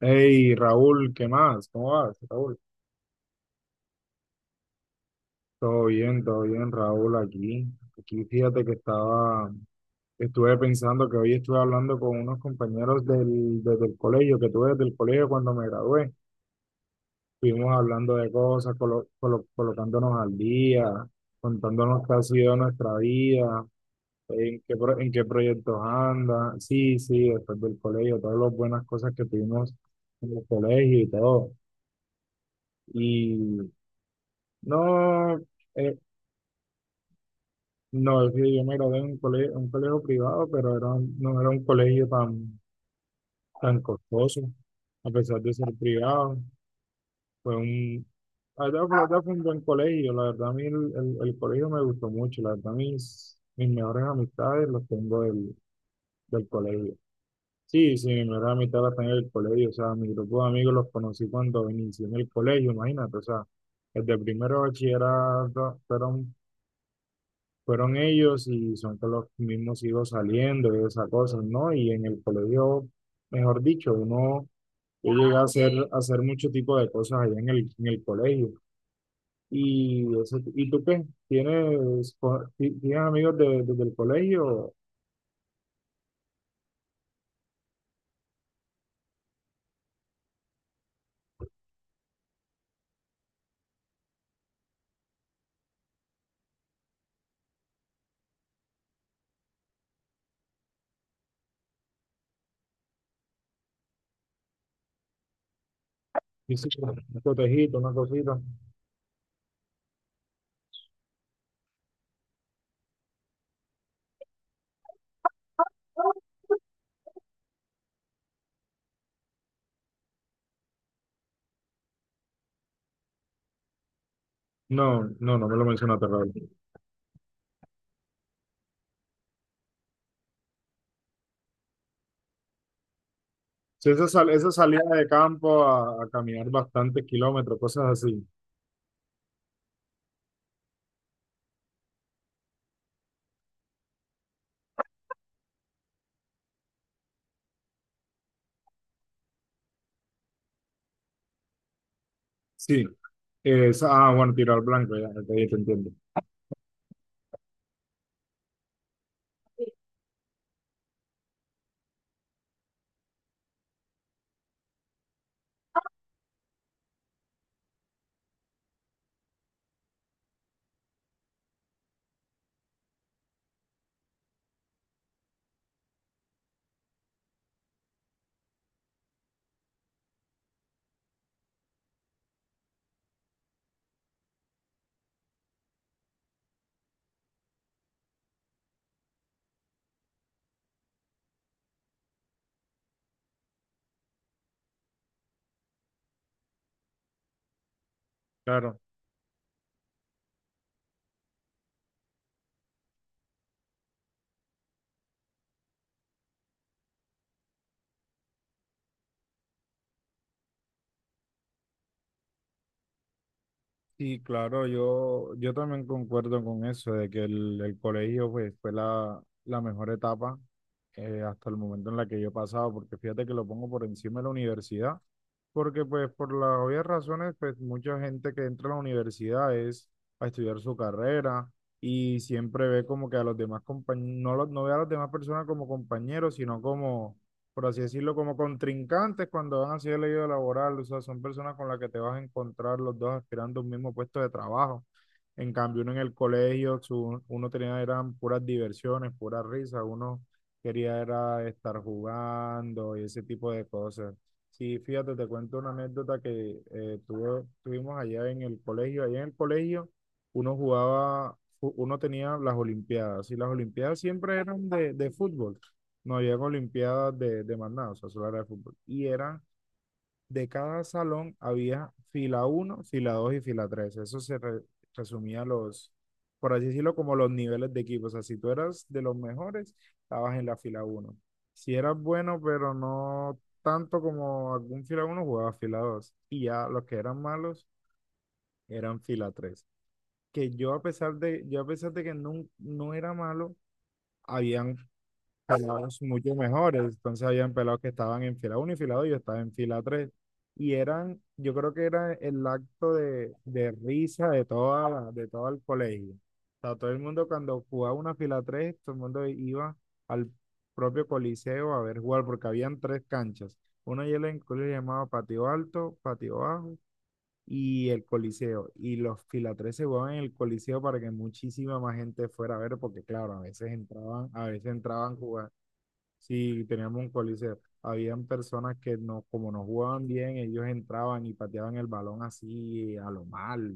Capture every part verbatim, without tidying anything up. Hey Raúl, ¿qué más? ¿Cómo vas, Raúl? Todo bien, todo bien, Raúl, aquí. Aquí fíjate que estaba, estuve pensando que hoy estuve hablando con unos compañeros del, desde el colegio, que tuve desde el colegio cuando me gradué. Estuvimos hablando de cosas, colo- colo- colocándonos al día, contándonos qué ha sido nuestra vida, en qué, pro- en qué proyectos anda. Sí, sí, después del colegio, todas las buenas cosas que tuvimos en el colegio y todo. Y no. eh, No, es que yo me gradué en un colegio, un colegio privado, pero era, un- no era un colegio tan, tan costoso, a pesar de ser privado. Fue un, la verdad, la verdad fue un buen colegio, la verdad a mí el, el- el colegio me gustó mucho, la verdad mis, mis mejores amistades las tengo del, del colegio. Sí, sí, mis mejores amistades las tengo del colegio, o sea, mi grupo de amigos los conocí cuando inicié en el colegio, imagínate, o sea, desde primero de bachillerato fueron fueron ellos y son con los mismos hijos saliendo y esas cosas, ¿no? Y en el colegio, mejor dicho, uno yo llegué a hacer, a hacer mucho tipo de cosas allá en el, en el colegio. ¿Y, eso- ¿y tú qué? ¿Tienes, co- ti- tienes amigos de, desde el colegio? ¿Hiciste un cotejito, una cosita? No, no, no me lo mencionaste, Raúl. Sí, esa, sal- esa salida de campo a, a caminar bastantes kilómetros, cosas así. Sí, esa, ah, bueno, tirar blanco, ya, ya te entiendo. Claro. Sí, claro, yo, yo también concuerdo con eso, de que el, el colegio pues, fue la, la mejor etapa eh, hasta el momento en la que yo he pasado, porque fíjate que lo pongo por encima de la universidad. Porque pues por las obvias razones, pues mucha gente que entra a la universidad es a estudiar su carrera y siempre ve como que a los demás compañeros, no, los- no ve a las demás personas como compañeros, sino como, por así decirlo, como contrincantes cuando van hacia el leído laboral, o sea, son personas con las que te vas a encontrar los dos aspirando a un mismo puesto de trabajo. En cambio, uno en el colegio, su- uno tenía, eran puras diversiones, puras risas, uno quería era estar jugando y ese tipo de cosas. Sí, fíjate, te cuento una anécdota que eh, tuve- tuvimos allá en el colegio. Allá en el colegio uno jugaba, fu- uno tenía las olimpiadas y las olimpiadas siempre eran de, de fútbol. No había olimpiadas de, de más nada, o sea, solo era de fútbol. Y eran de cada salón había fila uno, fila dos y fila tres. Eso se re- resumía los, por así decirlo, como los niveles de equipo. O sea, si tú eras de los mejores, estabas en la fila uno. Si eras bueno, pero no tanto como algún fila uno, jugabas fila dos. Y ya los que eran malos eran fila tres. Que yo a pesar de, yo a pesar de que no, no era malo, habían pelados mucho mejores. Entonces habían pelados que estaban en fila uno y fila dos, yo estaba en fila tres. Y eran, yo creo que era el acto de, de risa de toda la- de todo el colegio. O sea, todo el mundo cuando jugaba una fila tres, todo el mundo iba al propio coliseo a ver jugar, porque habían tres canchas. Una yo la incluía llamaba patio alto, patio bajo y el coliseo. Y los fila tres se jugaban en el coliseo para que muchísima más gente fuera a ver, porque claro, a veces entraban, a veces entraban. Sí, teníamos un coliseo. Habían personas que no, como no jugaban bien, ellos entraban y pateaban el balón así a lo mal,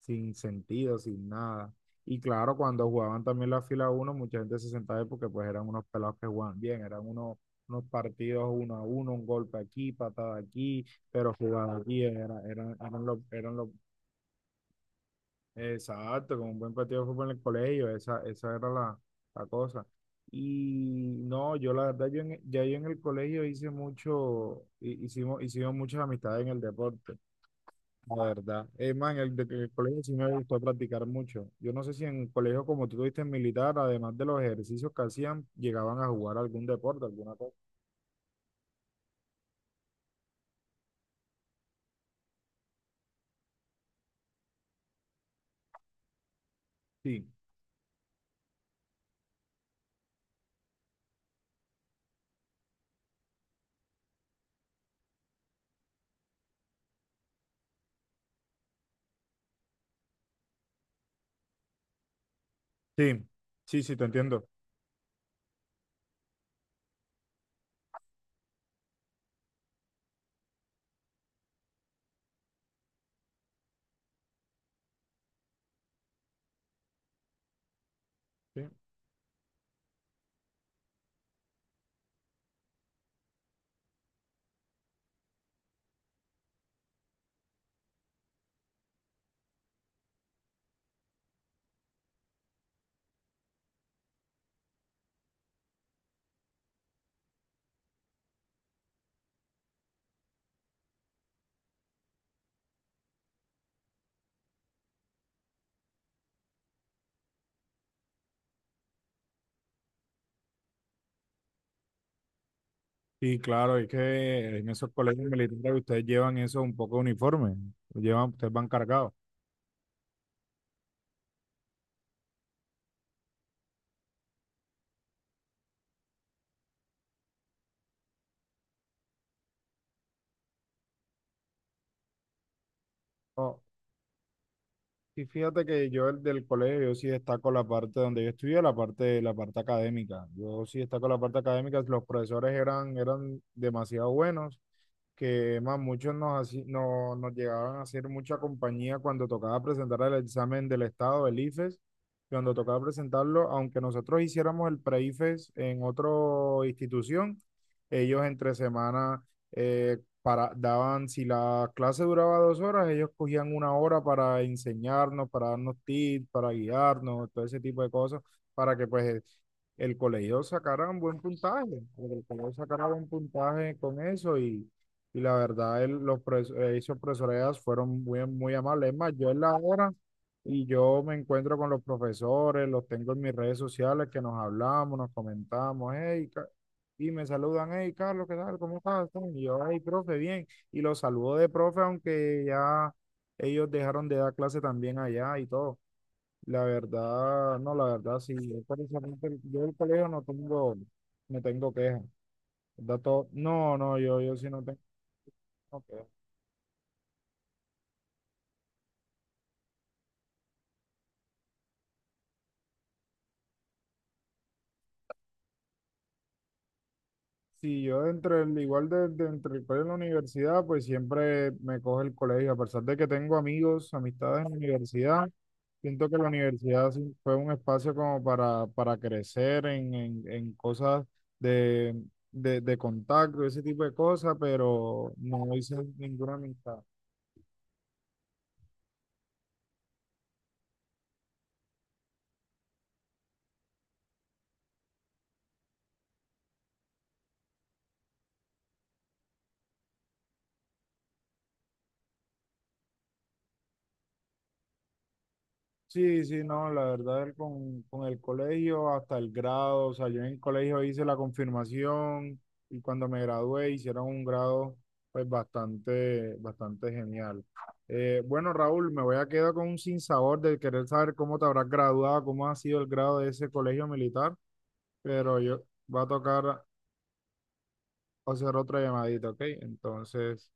sin sentido, sin nada. Y claro, cuando jugaban también la fila uno, mucha gente se sentaba ahí porque pues eran unos pelados que jugaban bien, eran unos, unos partidos uno a uno, un golpe aquí, patada aquí, pero jugada aquí, era, eran, eran los, eran los, exacto, con un buen partido de fútbol en el colegio, esa, esa era la, la cosa. Y no, yo la verdad, yo en- ya yo en el colegio hice mucho, hi- hicimos, hicimos muchas amistades en el deporte, la verdad. Es más, en el, de- en el colegio sí me gustó practicar mucho. Yo no sé si en el colegio, como tú tuviste en militar, además de los ejercicios que hacían, llegaban a jugar algún deporte, alguna cosa. Sí, sí, sí, sí, te entiendo. Sí. Sí, claro, es que en esos colegios militares ustedes llevan eso un poco uniforme, llevan, ustedes van cargados. Sí, fíjate que yo el del colegio, yo sí destaco la parte donde yo estudié, la parte, la parte académica. Yo sí destaco la parte académica, los profesores eran, eran demasiado buenos, que más muchos nos, haci- no- nos llegaban a hacer mucha compañía cuando tocaba presentar el examen del Estado, el I F E S, cuando tocaba presentarlo, aunque nosotros hiciéramos el pre-I F E S en otra institución, ellos entre semana... eh, para, daban, si la clase duraba dos horas, ellos cogían una hora para enseñarnos, para darnos tips, para guiarnos, todo ese tipo de cosas, para que pues el colegio sacara un buen puntaje, para que el colegio sacara buen puntaje con eso y, y la verdad, el- los pres- eh, esos profesores fueron muy, muy amables. Es más, yo en la hora y yo me encuentro con los profesores, los tengo en mis redes sociales que nos hablamos, nos comentamos, hey, y me saludan, hey Carlos, ¿qué tal? ¿Cómo estás? Y yo, hey profe, bien. Y los saludo de profe, aunque ya ellos dejaron de dar clase también allá y todo. La verdad, no, la verdad, sí, yo, precisamente, yo del colegio no tengo, no tengo quejas. ¿Verdad? Todo- no, no, yo, yo sí no tengo quejas. Sí, yo entre el, igual de, de entre el colegio y la universidad, pues siempre me coge el colegio, a pesar de que tengo amigos, amistades en la universidad, siento que la universidad sí fue un espacio como para, para crecer en, en, en cosas de, de, de contacto, ese tipo de cosas, pero no hice ninguna amistad. Sí, sí, no, la verdad el con, con el colegio hasta el grado, o sea, yo en el colegio hice la confirmación y cuando me gradué hicieron un grado pues bastante, bastante genial. Eh, bueno, Raúl, me voy a quedar con un sinsabor de querer saber cómo te habrás graduado, cómo ha sido el grado de ese colegio militar. Pero yo va a tocar hacer otra llamadita, ¿ok? Entonces,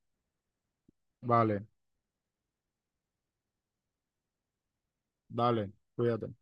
vale, dale, cuídate.